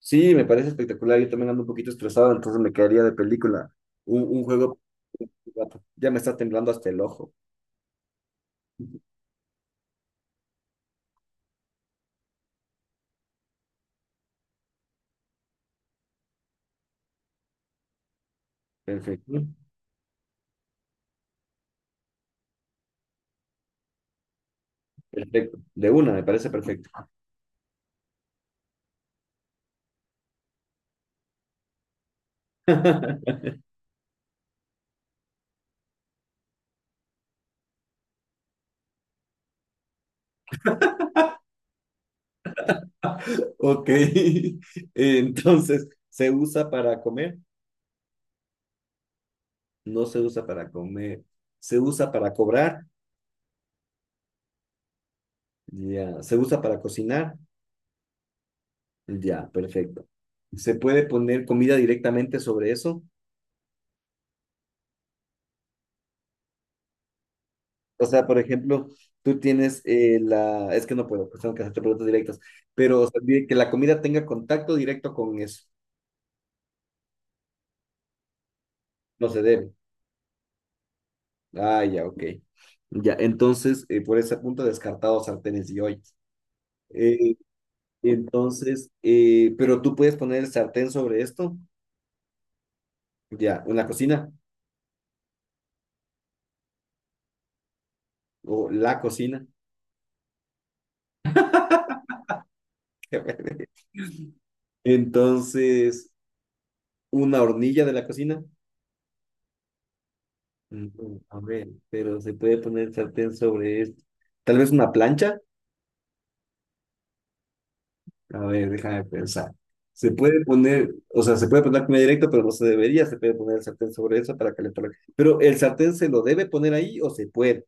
Sí, me parece espectacular. Yo también ando un poquito estresado, entonces me quedaría de película. Un juego. Ya me está temblando hasta el ojo. Perfecto. Perfecto. De una, me parece perfecto. Ok. Entonces, ¿se usa para comer? No se usa para comer. ¿Se usa para cobrar? Ya. ¿Se usa para cocinar? Ya, perfecto. ¿Se puede poner comida directamente sobre eso? O sea, por ejemplo, tú tienes la... Es que no puedo, pues tengo que hacerte preguntas directas. Pero o sea, que la comida tenga contacto directo con eso. No se debe. Ah, ya, ok. Ya, entonces, por ese punto, descartado sartenes y ollas. Eh, entonces, pero tú puedes poner el sartén sobre esto. Ya, una cocina o la cocina. Entonces, una hornilla de la cocina. Mm, A ver, pero se puede poner el sartén sobre esto. Tal vez una plancha. A ver, déjame pensar. Se puede poner, o sea, se puede poner comida directa, pero no se debería, se puede poner el sartén sobre eso para calentar. Pero el sartén se lo debe poner ahí o se puede.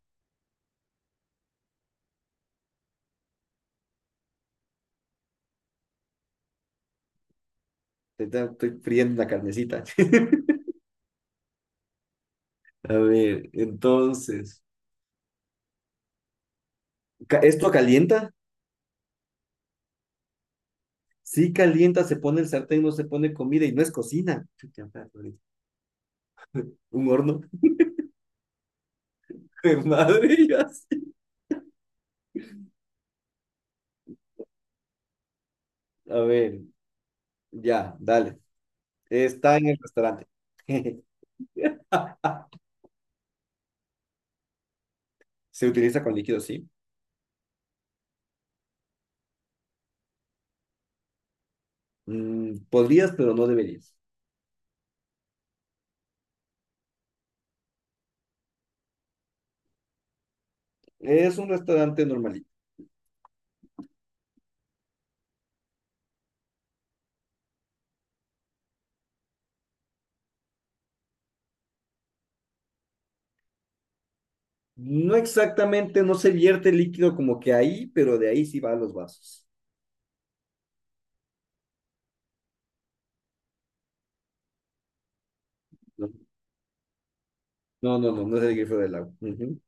Ahorita estoy friendo una carnecita. A ver, entonces, ¿esto calienta? Sí calienta, se pone el sartén, no se pone comida y no es cocina. Chuta madre, un horno de madre y así. A ver, ya, dale. Está en el restaurante. Se utiliza con líquido, sí. Mm, podrías, pero no deberías. Es un restaurante normalito. No exactamente, no se vierte el líquido como que ahí, pero de ahí sí va a los vasos. No, no es el grifo del agua. Ujú.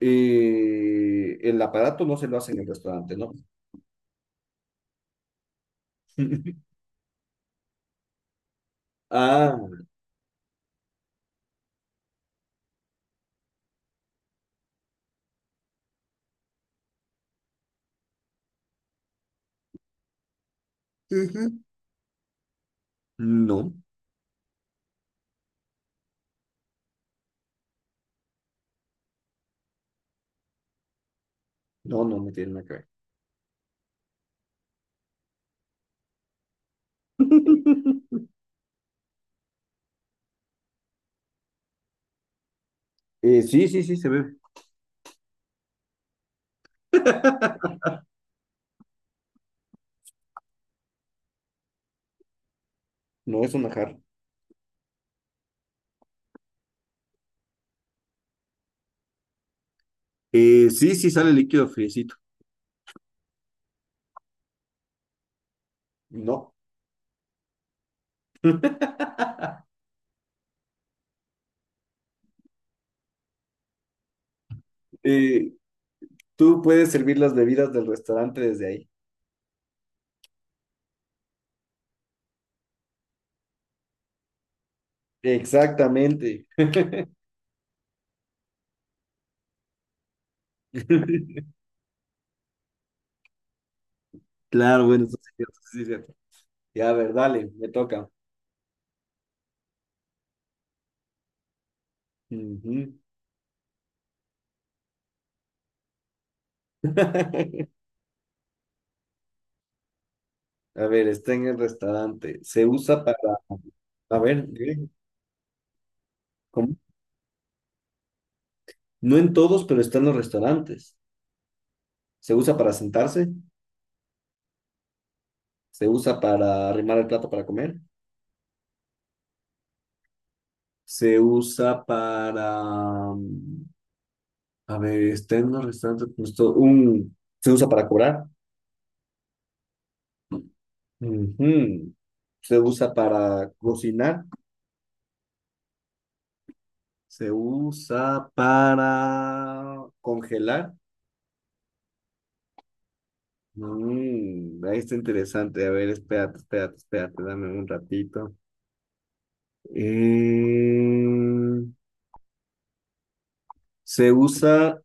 El aparato no se lo hace en el restaurante, ¿no? Ah, ujú. No, no tiene nada que ver. Eh, sí, se ve. No es una jarra. Sí, sí sale líquido friecito. No. Eh, tú puedes servir las bebidas del restaurante desde ahí. Exactamente. Claro, bueno, eso sí es cierto. Ya, a ver, dale, me toca. Ujú. A ver, está en el restaurante. Se usa para, a ver, ¿qué? ¿Cómo? No en todos, pero está en los restaurantes. Se usa para sentarse, se usa para arrimar el plato para comer, se usa para, mm, a ver, está en los restaurantes, pues, un, se usa para cobrar. Ujú. Se usa para cocinar. Se usa para congelar. Mm, ahí está interesante. A ver, espérate, dame un ratito. Eh, se usa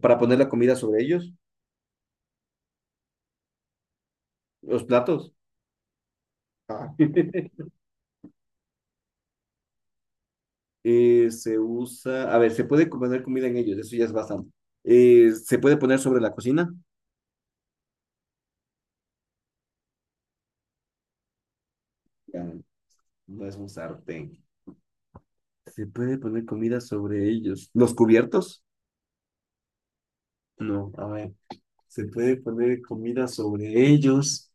para poner la comida sobre ellos, los platos. Ah. Se usa, a ver, se puede poner comida en ellos, eso ya es bastante. Se puede poner sobre la cocina. Ya, no es un sartén. Se puede poner comida sobre ellos. ¿Los cubiertos? No, a ver. Se puede poner comida sobre ellos.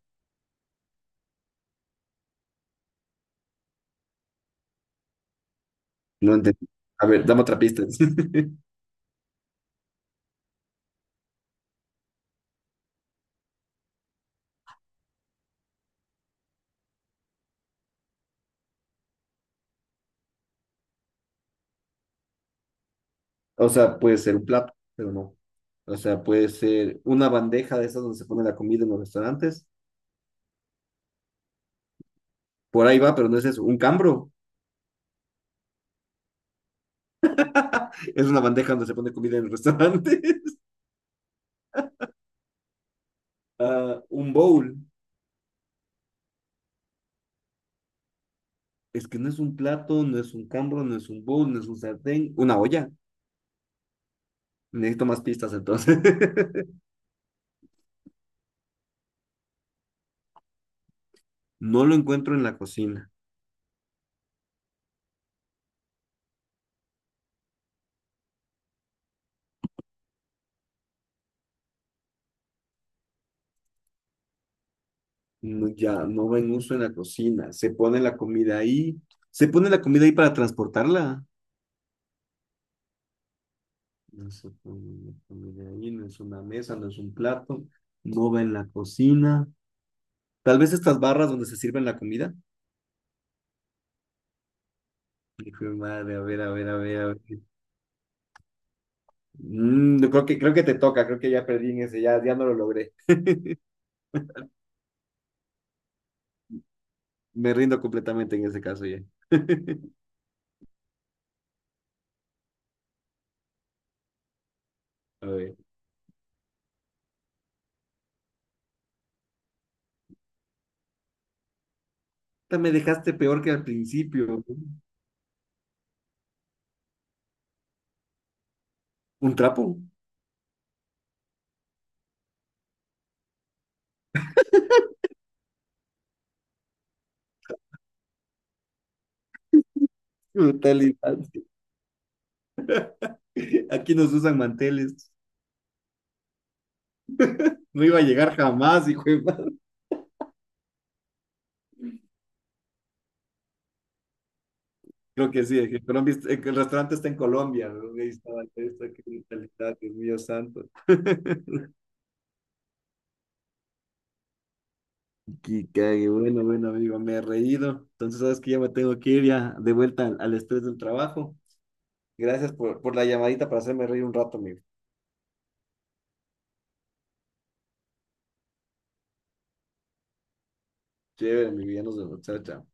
No entendí. A ver, dame otra pista. O sea, puede ser un plato, pero no. O sea, puede ser una bandeja de esas donde se pone la comida en los restaurantes. Por ahí va, pero no es eso. Un cambro. Es una bandeja donde se pone comida en los restaurantes. Ah, un bowl. Es que no es un plato, no es un cambro, no es un bowl, no es un sartén. Una olla. Necesito más pistas entonces. No lo encuentro en la cocina. No, ya no va en uso en la cocina. Se pone la comida ahí. Se pone la comida ahí para transportarla. No se pone la comida ahí, no es una mesa, no es un plato. No va en la cocina. Tal vez estas barras donde se sirven la comida. Hijo de madre, a ver. Mm, yo creo que te toca, creo que ya perdí en ese, ya no lo logré. Me rindo completamente en ese caso ya. A ver. Puta, me dejaste peor que al principio, ¿no? ¿Un trapo? Brutalidad. Aquí nos usan manteles. No iba a llegar jamás, hijo de madre. Creo que sí, que Colombia, que el restaurante está en Colombia, ¿no? Ahí estaba, ahí está, qué brutalidad, Dios mío santo. Qué cague, bueno, bueno, amigo, me he reído. Entonces, sabes que ya me tengo que ir ya de vuelta al estrés del trabajo. Gracias por la llamadita para hacerme reír un rato, amigo. Chévere, mi vida, nos vemos. Chao, chao.